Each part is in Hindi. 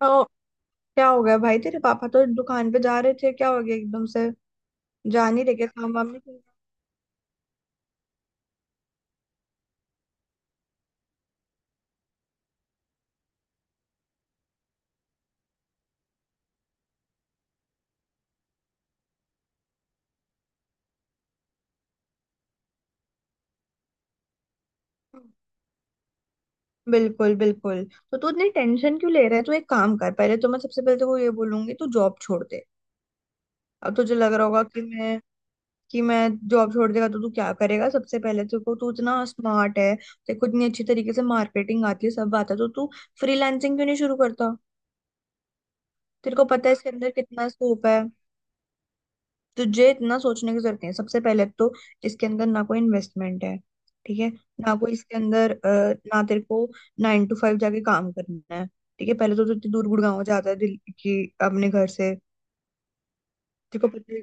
तो क्या हो गया भाई? तेरे पापा तो दुकान पे जा रहे थे, क्या हो गया एकदम से? जा नहीं रहे? क्या काम वाम नहीं किया? बिल्कुल, बिल्कुल। तो तू इतनी टेंशन क्यों ले रहा है? तू एक काम कर, पहले तो मैं, सबसे पहले तो ये बोलूंगी, तू जॉब छोड़ दे। अब तुझे लग रहा होगा कि मैं जॉब छोड़ देगा तो तू क्या करेगा? सबसे पहले तेरे को, तू इतना स्मार्ट है, तेरे को इतनी अच्छी तरीके से मार्केटिंग आती है, सब आता है, तो तू फ्रीलांसिंग क्यों नहीं शुरू करता? तेरे को पता है इसके अंदर कितना स्कोप है। तुझे इतना सोचने की जरूरत नहीं है। सबसे पहले तो इसके अंदर ना कोई इन्वेस्टमेंट है। ठीक है। ना कोई इसके अंदर, ना तेरे को 9 to 5 जाके काम करना है। ठीक है। पहले तो तू इतनी दूर गुड़गांव जाता है दिल्ली की अपने घर से। तेरे को पता है।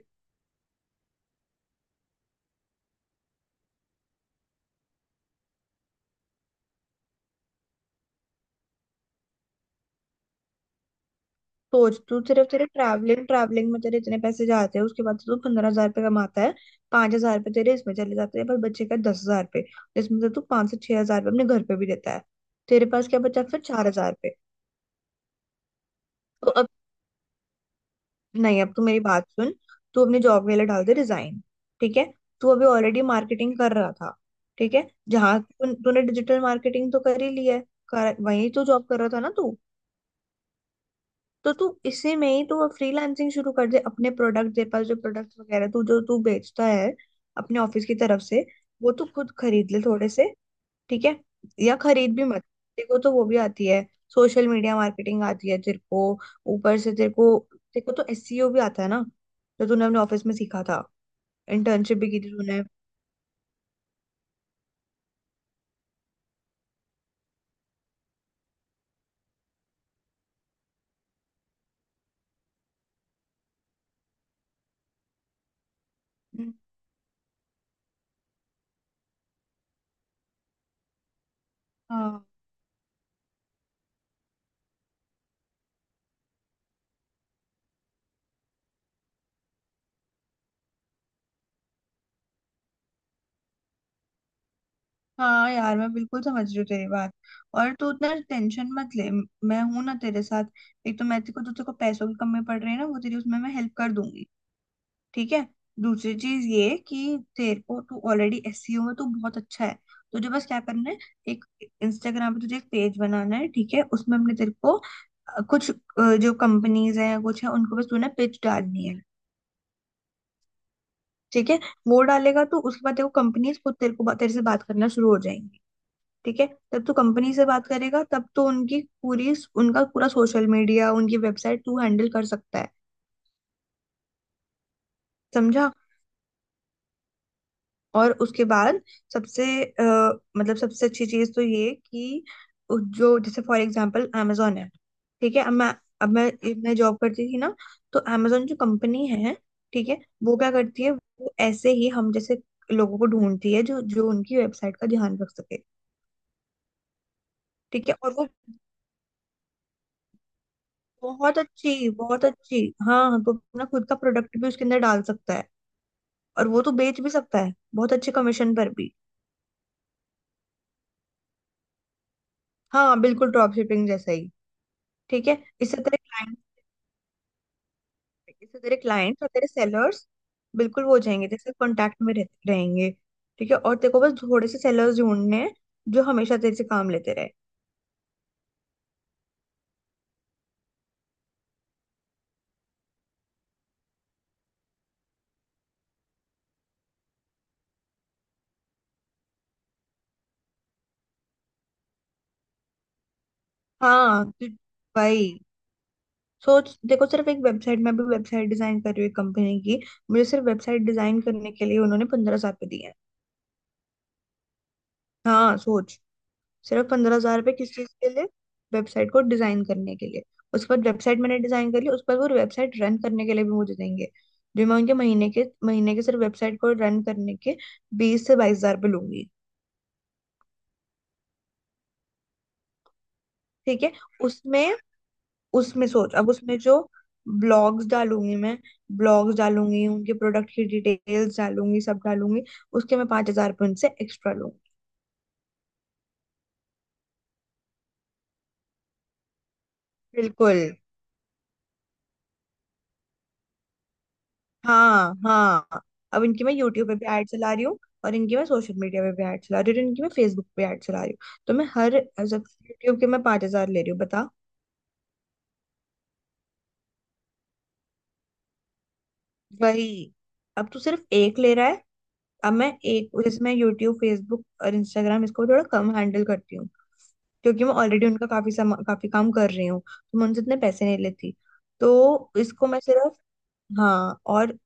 सोच, तू सिर्फ तेरे ट्रैवलिंग ट्रैवलिंग में तेरे इतने पैसे जाते हैं, उसके बाद तो तू 15,000 रुपये कमाता है। 5,000 रुपये तेरे इसमें चले जाते हैं, पर बच्चे का 10,000 रुपये, जिसमें से तू 5 से 6 हजार रुपये अपने घर पे भी देता है। तेरे पास क्या बचा फिर? 4,000 रुपये। तो अब, नहीं, अब तू मेरी बात सुन। तू अपनी जॉब वाले डाल दे रिजाइन। ठीक है। तू अभी ऑलरेडी मार्केटिंग कर रहा था, ठीक है। जहां तूने डिजिटल मार्केटिंग तो कर ही ली है, वही तो जॉब कर रहा था ना तू? तो तू इसी में ही तू फ्रीलांसिंग शुरू कर दे। अपने प्रोडक्ट, तेरे पास जो प्रोडक्ट वगैरह तू जो तू बेचता है अपने ऑफिस की तरफ से, वो तू खुद खरीद ले थोड़े से। ठीक है। या खरीद भी मत, तेरे को तो वो भी आती है, सोशल मीडिया मार्केटिंग आती है तेरे को। ऊपर से तेरे को तो एसईओ भी आता है ना? जो तूने अपने ऑफिस में सीखा था, इंटर्नशिप भी की थी तूने। हम्म, हाँ। हाँ यार, मैं बिल्कुल समझ रही हूँ तेरी बात। और तू उतना टेंशन मत ले, मैं हूं ना तेरे साथ। एक तो मैं तेरे को, जो तेरे को पैसों की कमी पड़ रही है ना, वो तेरी, उसमें मैं हेल्प कर दूंगी। ठीक है। दूसरी चीज ये कि तेरे को, तू ऑलरेडी एसईओ में तू बहुत अच्छा है। तुझे बस क्या करना है? एक, इंस्टाग्राम पे तुझे एक पेज बनाना है, ठीक है, उसमें हमने तेरे को कुछ, जो कंपनीज हैं कुछ है, उनको बस तूने पिच डालनी है। ठीक है। वो डालेगा तो उसके बाद देखो कंपनीज खुद तेरे को तेरे से बात करना शुरू हो जाएंगी। ठीक है। तब तू कंपनी से बात करेगा, तब तो उनकी पूरी उनका पूरा सोशल मीडिया, उनकी वेबसाइट तू हैंडल कर सकता है। समझा? और उसके बाद सबसे अ, मतलब सबसे अच्छी चीज तो ये कि उ- जो जैसे फॉर एग्जांपल amazon है, ठीक है। अब मैं जॉब करती थी ना, तो amazon जो कंपनी है, ठीक है, वो क्या करती है? वो ऐसे ही हम जैसे लोगों को ढूंढती है जो जो उनकी वेबसाइट का ध्यान रख सके। ठीक है, और वो बहुत अच्छी, बहुत अच्छी। हाँ, तो अपना खुद का प्रोडक्ट भी उसके अंदर डाल सकता है, और वो तो बेच भी सकता है बहुत अच्छे कमीशन पर भी। हाँ बिल्कुल, ड्रॉप शिपिंग जैसा ही। ठीक है, इससे तेरे क्लाइंट्स और तेरे सेलर्स, बिल्कुल वो हो जाएंगे तेरे साथ कांटेक्ट में रहेंगे। ठीक है, और तेरे को बस थोड़े से सेलर्स ढूंढने हैं जो हमेशा तेरे से काम लेते रहे। हाँ, तो भाई, सोच देखो, सिर्फ एक वेबसाइट, मैं भी वेबसाइट डिजाइन कर रही हूँ कंपनी की, मुझे सिर्फ वेबसाइट डिजाइन करने के लिए उन्होंने 15,000 रुपये दिए हैं। हाँ सोच, सिर्फ 15,000 रुपये किस चीज के लिए? वेबसाइट को डिजाइन करने के लिए। उसके बाद वेबसाइट मैंने डिजाइन कर ली, उस पर वो वेबसाइट रन करने के लिए भी मुझे देंगे, जो मैं उनके महीने के सिर्फ वेबसाइट को रन करने के 20 से 22 हजार रुपये लूंगी। ठीक है। उसमें उसमें सोच, अब उसमें जो ब्लॉग्स डालूंगी मैं ब्लॉग्स डालूंगी, उनके प्रोडक्ट की डिटेल्स डालूंगी, सब डालूंगी। उसके मैं 5,000 रुपये उनसे एक्स्ट्रा लूंगी। बिल्कुल। हाँ, हाँ। अब इनकी मैं यूट्यूब पे भी ऐड चला रही हूँ, और इनकी मैं सोशल मीडिया पे भी ऐड चला रही हूँ, और इनकी मैं फेसबुक पे ऐड चला रही हूँ। तो मैं हर सब, यूट्यूब के मैं 5,000 ले रही हूँ, बता। वही। अब तू सिर्फ एक ले रहा है। अब मैं एक जैसे मैं यूट्यूब, फेसबुक और इंस्टाग्राम, इसको थोड़ा कम हैंडल करती हूँ, क्योंकि मैं ऑलरेडी उनका काफी काम कर रही हूँ, तो मैं उनसे इतने पैसे नहीं लेती। तो इसको मैं सिर्फ हाँ, और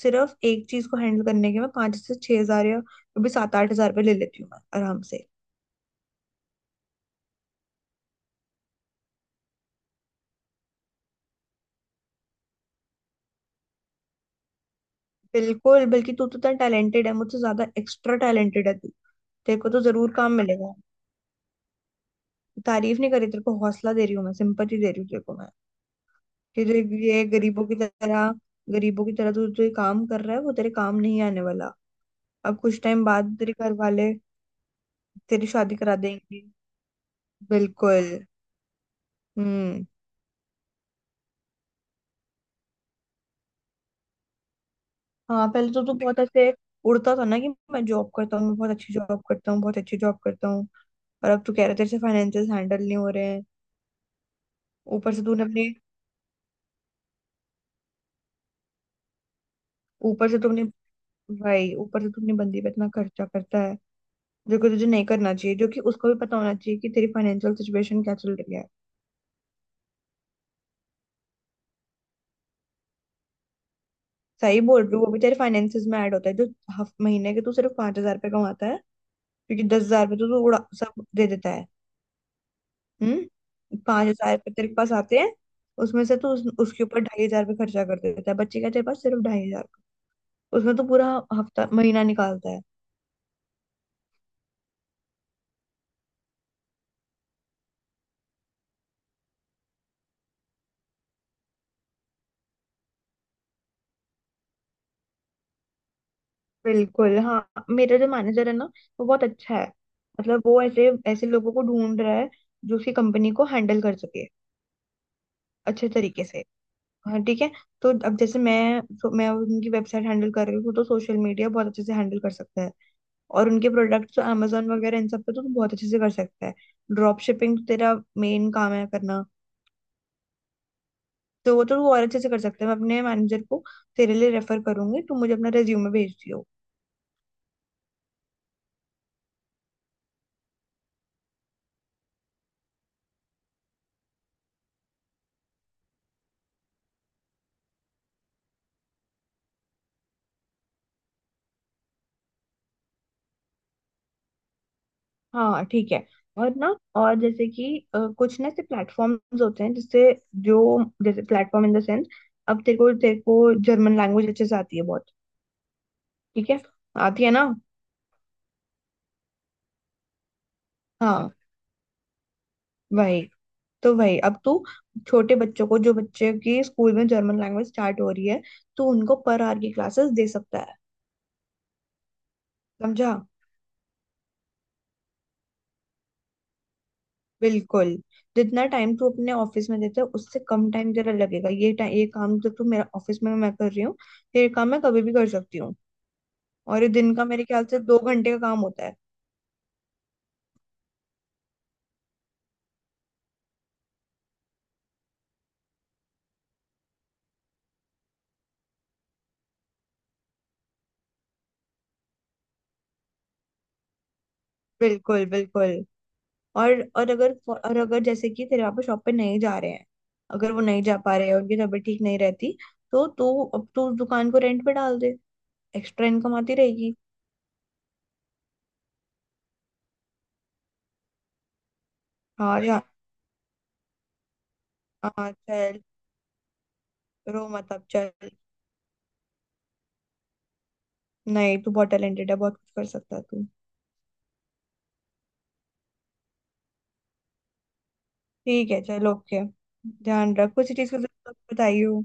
सिर्फ एक चीज को हैंडल करने के मैं 5 से 6 हजार या कभी 7-8 हजार रुपये ले लेती हूँ मैं आराम से। बिल्कुल, बल्कि तू तो इतना टैलेंटेड है, मुझसे ज्यादा एक्स्ट्रा टैलेंटेड है तू। तेरे को तो जरूर काम मिलेगा। तारीफ नहीं करी, तेरे को हौसला दे रही हूँ मैं, सिंपैथी दे रही हूँ तेरे को मैं, कि जो ये गरीबों की तरह तू जो ये काम कर रहा है वो तेरे काम नहीं आने वाला। अब कुछ टाइम बाद तेरे घर वाले तेरी शादी करा देंगे। बिल्कुल। हम्म। हाँ, पहले तो तू बहुत ऐसे उड़ता था ना कि मैं जॉब करता हूँ, मैं बहुत अच्छी जॉब करता हूँ, बहुत अच्छी जॉब करता हूँ। और अब तू कह रहा है तेरे से फाइनेंशियल हैंडल नहीं हो रहे हैं। ऊपर से तूने अपने ऊपर से तुमने भाई, ऊपर से तू अपनी बंदी पे इतना खर्चा करता है, जो कि तुझे नहीं करना चाहिए, जो कि उसको भी पता होना चाहिए कि तेरी फाइनेंशियल सिचुएशन क्या चल रही है। सही बोल रही हूँ, वो भी तेरे फाइनेंसेस में ऐड होता है, जो हफ महीने के तू सिर्फ 5,000 रुपये कमाता है, क्योंकि 10,000 रुपये तो तू उड़ा सब दे देता है। 5,000 रुपये तेरे पास आते हैं, उसमें से तू उसके ऊपर 2,500 रुपये खर्चा कर देता है बच्चे का, तेरे पास सिर्फ 2,500। उसमें तो पूरा हफ्ता महीना निकालता है। बिल्कुल। हाँ, मेरा जो मैनेजर है ना, वो बहुत अच्छा है। मतलब वो ऐसे ऐसे लोगों को ढूंढ रहा है जो उसकी कंपनी को हैंडल कर सके अच्छे तरीके से। हाँ ठीक है, तो अब जैसे, मैं उनकी वेबसाइट हैंडल कर रही हूँ तो सोशल मीडिया बहुत अच्छे से हैंडल कर सकता है। और उनके प्रोडक्ट्स तो अमेजोन वगैरह इन सब पे तो तू बहुत अच्छे से कर सकता है। ड्रॉप शिपिंग तो तेरा मेन काम है करना, तो वो तो तू और अच्छे से कर सकता है। मैं अपने मैनेजर को तेरे लिए रेफर करूंगी, तू मुझे अपना रेज्यूमे भेज। हाँ ठीक है, और ना जैसे कि कुछ ना ऐसे प्लेटफॉर्म्स होते हैं जिससे, जो जैसे प्लेटफॉर्म इन द सेंस, अब तेरे को जर्मन लैंग्वेज अच्छे से आती है बहुत। ठीक है। आती है ना? हाँ, वही वही अब तू छोटे बच्चों को, जो बच्चे की स्कूल में जर्मन लैंग्वेज स्टार्ट हो रही है, तो उनको पर आवर की क्लासेस दे सकता है। समझा? बिल्कुल। जितना टाइम तू अपने ऑफिस में देता है उससे कम टाइम तेरा लगेगा। ये टाइम, ये काम जो तू, मेरा ऑफिस में मैं कर रही हूँ, ये काम मैं कभी भी कर सकती हूँ। और ये दिन का मेरे ख्याल से 2 घंटे का काम होता है। बिल्कुल, बिल्कुल। और और अगर जैसे कि तेरे पापा शॉप पे नहीं जा रहे हैं, अगर वो नहीं जा पा रहे हैं, उनकी तबीयत ठीक नहीं रहती, तो तू अब तो उस दुकान को रेंट पे डाल दे, एक्स्ट्रा इनकम आती रहेगी। हाँ या, हाँ, चल, रो मत अब, चल। नहीं, तू बहुत टैलेंटेड है, बहुत कुछ कर सकता है तू। ठीक है, चल, ओके। ध्यान रख, कुछ चीज का जरूरत बताइयो।